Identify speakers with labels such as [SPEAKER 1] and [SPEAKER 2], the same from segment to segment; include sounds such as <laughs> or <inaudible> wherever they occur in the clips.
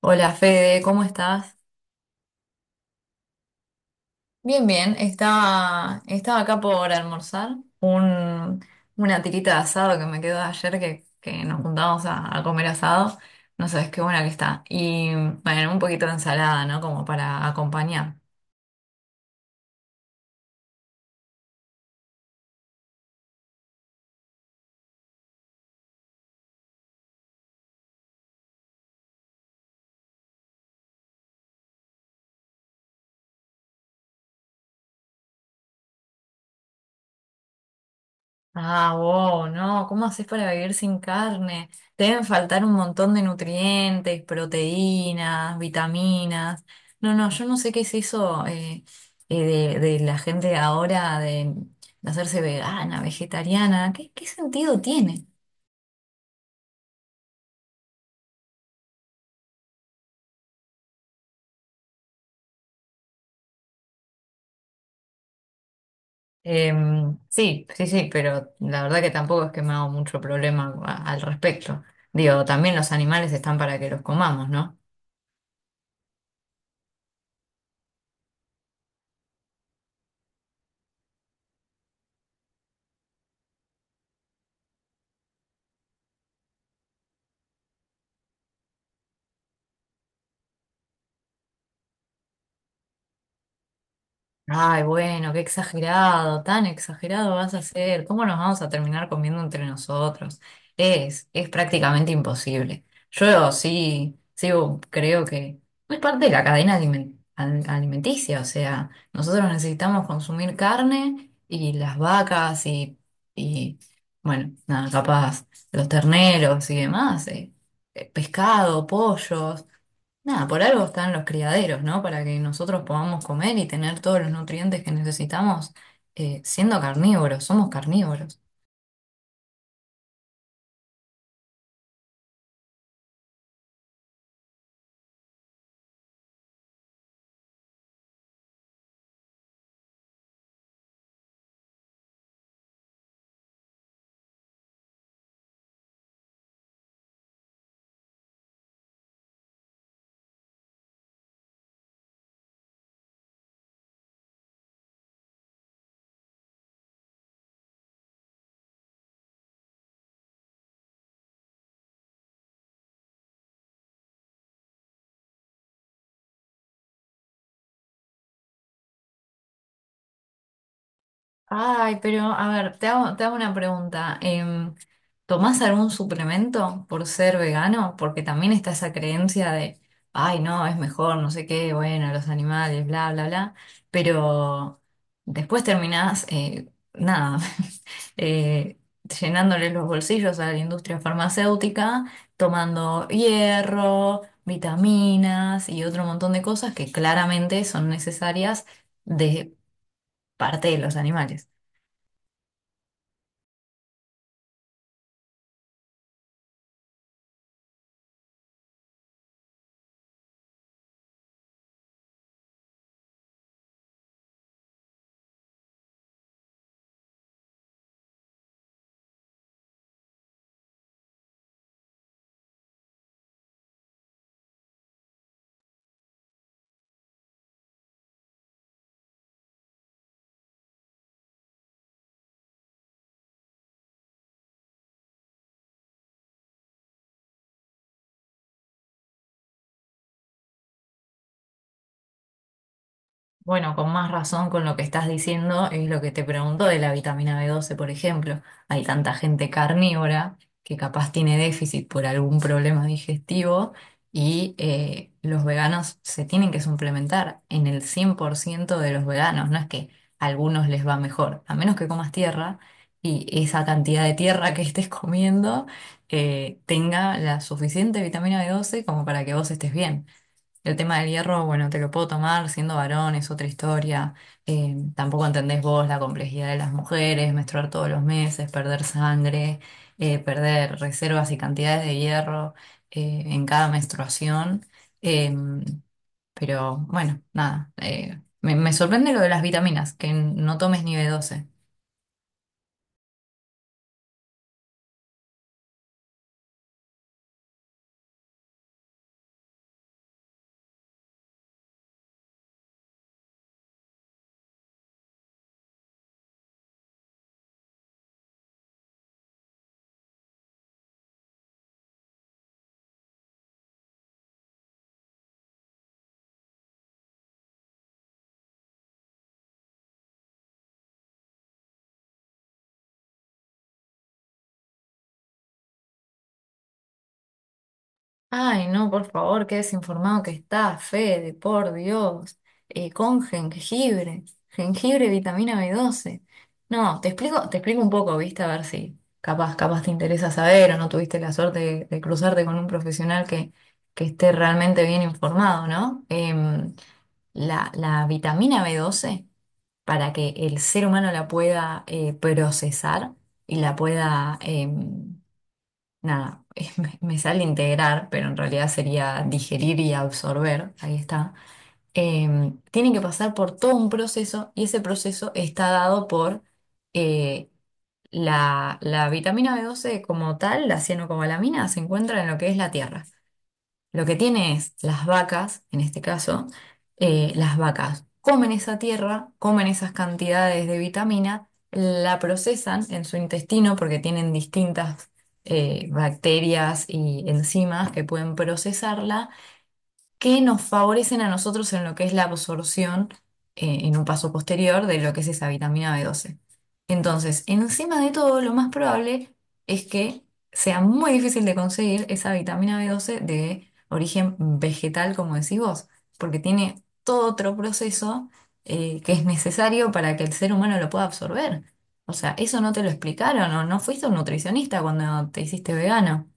[SPEAKER 1] Hola Fede, ¿cómo estás? Bien, bien. Estaba acá por almorzar. Una tirita de asado que me quedó de ayer que nos juntamos a comer asado. No sabes qué buena que está. Y bueno, un poquito de ensalada, ¿no? Como para acompañar. Ah, wow, no, ¿cómo haces para vivir sin carne? Te deben faltar un montón de nutrientes, proteínas, vitaminas. No, no, yo no sé qué es eso de la gente de ahora de hacerse vegana, vegetariana. ¿Qué sentido tiene? Sí, sí, sí, pero la verdad que tampoco es que me hago mucho problema al respecto. Digo, también los animales están para que los comamos, ¿no? Ay, bueno, qué exagerado, tan exagerado vas a ser. ¿Cómo nos vamos a terminar comiendo entre nosotros? Es prácticamente imposible. Yo sí, sí creo que es parte de la cadena alimenticia, o sea, nosotros necesitamos consumir carne y las vacas y bueno, nada, capaz, los terneros y demás, pescado, pollos. Nada, por algo están los criaderos, ¿no? Para que nosotros podamos comer y tener todos los nutrientes que necesitamos, siendo carnívoros, somos carnívoros. Ay, pero a ver, te hago una pregunta. ¿Tomás algún suplemento por ser vegano? Porque también está esa creencia de, ay, no, es mejor, no sé qué, bueno, los animales, bla, bla, bla. Pero después terminás, nada, <laughs> eh, llenándole los bolsillos a la industria farmacéutica, tomando hierro, vitaminas y otro montón de cosas que claramente son necesarias de parte de los animales. Bueno, con más razón con lo que estás diciendo es lo que te pregunto de la vitamina B12, por ejemplo. Hay tanta gente carnívora que capaz tiene déficit por algún problema digestivo y los veganos se tienen que suplementar en el 100% de los veganos. No es que a algunos les va mejor, a menos que comas tierra y esa cantidad de tierra que estés comiendo tenga la suficiente vitamina B12 como para que vos estés bien. El tema del hierro, bueno, te lo puedo tomar siendo varón, es otra historia. Tampoco entendés vos la complejidad de las mujeres, menstruar todos los meses, perder sangre, perder reservas y cantidades de hierro, en cada menstruación. Eh, pero bueno, nada, me sorprende lo de las vitaminas, que no tomes ni B12. Ay, no, por favor, qué desinformado que está, Fede, por Dios. Con jengibre, jengibre, vitamina B12. No, te explico un poco, viste, a ver si capaz te interesa saber o no tuviste la suerte de cruzarte con un profesional que esté realmente bien informado, ¿no? La vitamina B12, para que el ser humano la pueda procesar y la pueda, nada, <laughs> me sale integrar, pero en realidad sería digerir y absorber, ahí está. Tiene que pasar por todo un proceso y ese proceso está dado por eh, la vitamina B12 como tal, la cianocobalamina, se encuentra en lo que es la tierra. Lo que tiene es las vacas, en este caso, las vacas comen esa tierra, comen esas cantidades de vitamina, la procesan en su intestino porque tienen distintas bacterias y enzimas que pueden procesarla, que nos favorecen a nosotros en lo que es la absorción, en un paso posterior de lo que es esa vitamina B12. Entonces, encima de todo, lo más probable es que sea muy difícil de conseguir esa vitamina B12 de origen vegetal, como decís vos, porque tiene todo otro proceso que es necesario para que el ser humano lo pueda absorber. O sea, eso no te lo explicaron o no fuiste un nutricionista cuando te hiciste vegano.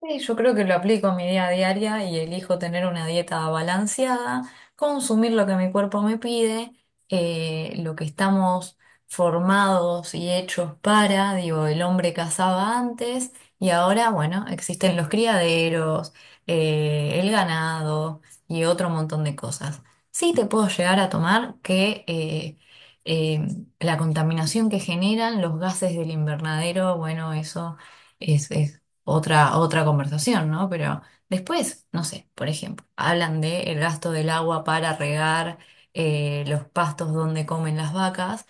[SPEAKER 1] Sí, yo creo que lo aplico en mi día a diaria y elijo tener una dieta balanceada, consumir lo que mi cuerpo me pide, lo que estamos formados y hechos para, digo, el hombre cazaba antes y ahora, bueno, existen los criaderos, el ganado y otro montón de cosas. Sí te puedo llegar a tomar que eh, la contaminación que generan los gases del invernadero, bueno, eso otra, otra conversación, ¿no? Pero después, no sé, por ejemplo, hablan de el gasto del agua para regar los pastos donde comen las vacas,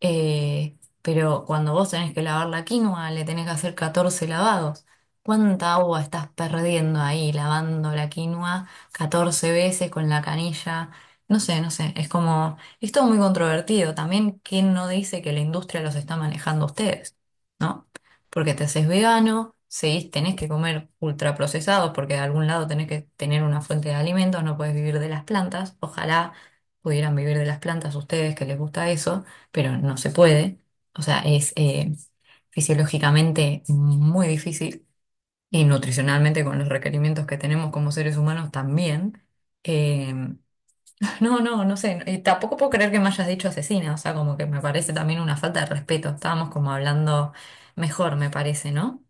[SPEAKER 1] pero cuando vos tenés que lavar la quinoa, le tenés que hacer 14 lavados. ¿Cuánta agua estás perdiendo ahí lavando la quinoa 14 veces con la canilla? No sé, no sé, es como, es todo muy controvertido. También, ¿quién no dice que la industria los está manejando a ustedes, ¿no? Porque te haces vegano, seguís, tenés que comer ultraprocesados porque de algún lado tenés que tener una fuente de alimentos, no puedes vivir de las plantas. Ojalá pudieran vivir de las plantas ustedes que les gusta eso, pero no se puede. O sea, es fisiológicamente muy difícil y nutricionalmente con los requerimientos que tenemos como seres humanos también. Eh, <laughs> no, no, no sé. Y tampoco puedo creer que me hayas dicho asesina. O sea, como que me parece también una falta de respeto. Estábamos como hablando mejor, me parece, ¿no?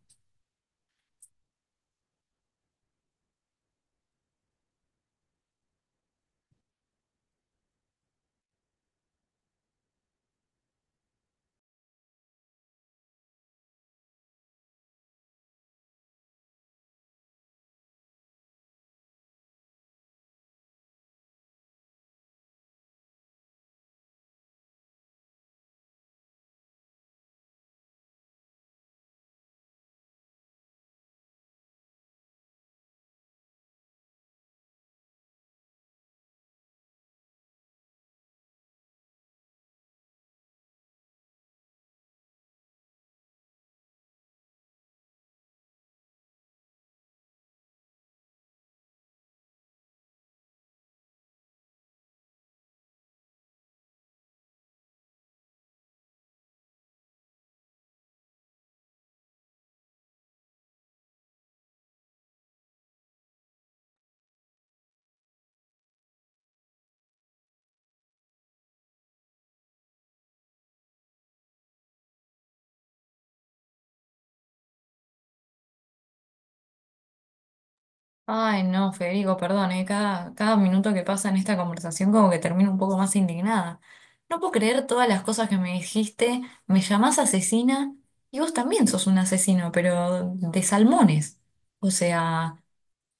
[SPEAKER 1] Ay, no, Federico, perdón, cada minuto que pasa en esta conversación como que termino un poco más indignada. No puedo creer todas las cosas que me dijiste, me llamás asesina y vos también sos un asesino, pero de salmones. O sea,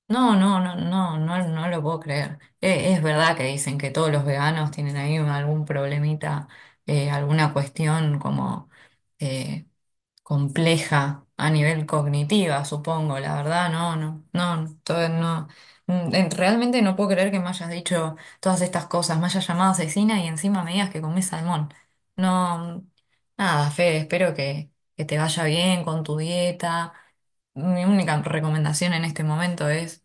[SPEAKER 1] no, no, no, no, no, no lo puedo creer. Es verdad que dicen que todos los veganos tienen ahí algún problemita, alguna cuestión como, eh, compleja a nivel cognitiva, supongo, la verdad, no, no, no, todo, no. Realmente no puedo creer que me hayas dicho todas estas cosas, me hayas llamado asesina y encima me digas que comés salmón. No, nada, Fede, espero que te vaya bien con tu dieta. Mi única recomendación en este momento es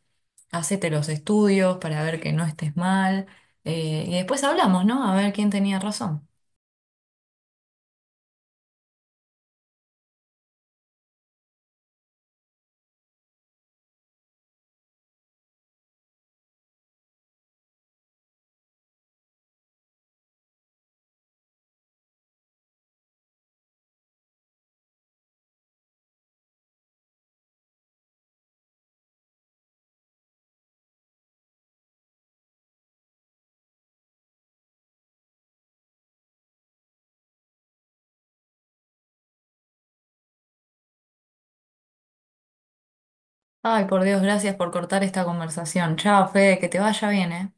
[SPEAKER 1] hacete los estudios para ver que no estés mal, y después hablamos, ¿no? A ver quién tenía razón. Ay, por Dios, gracias por cortar esta conversación. Chao, Fede, que te vaya bien, ¿eh?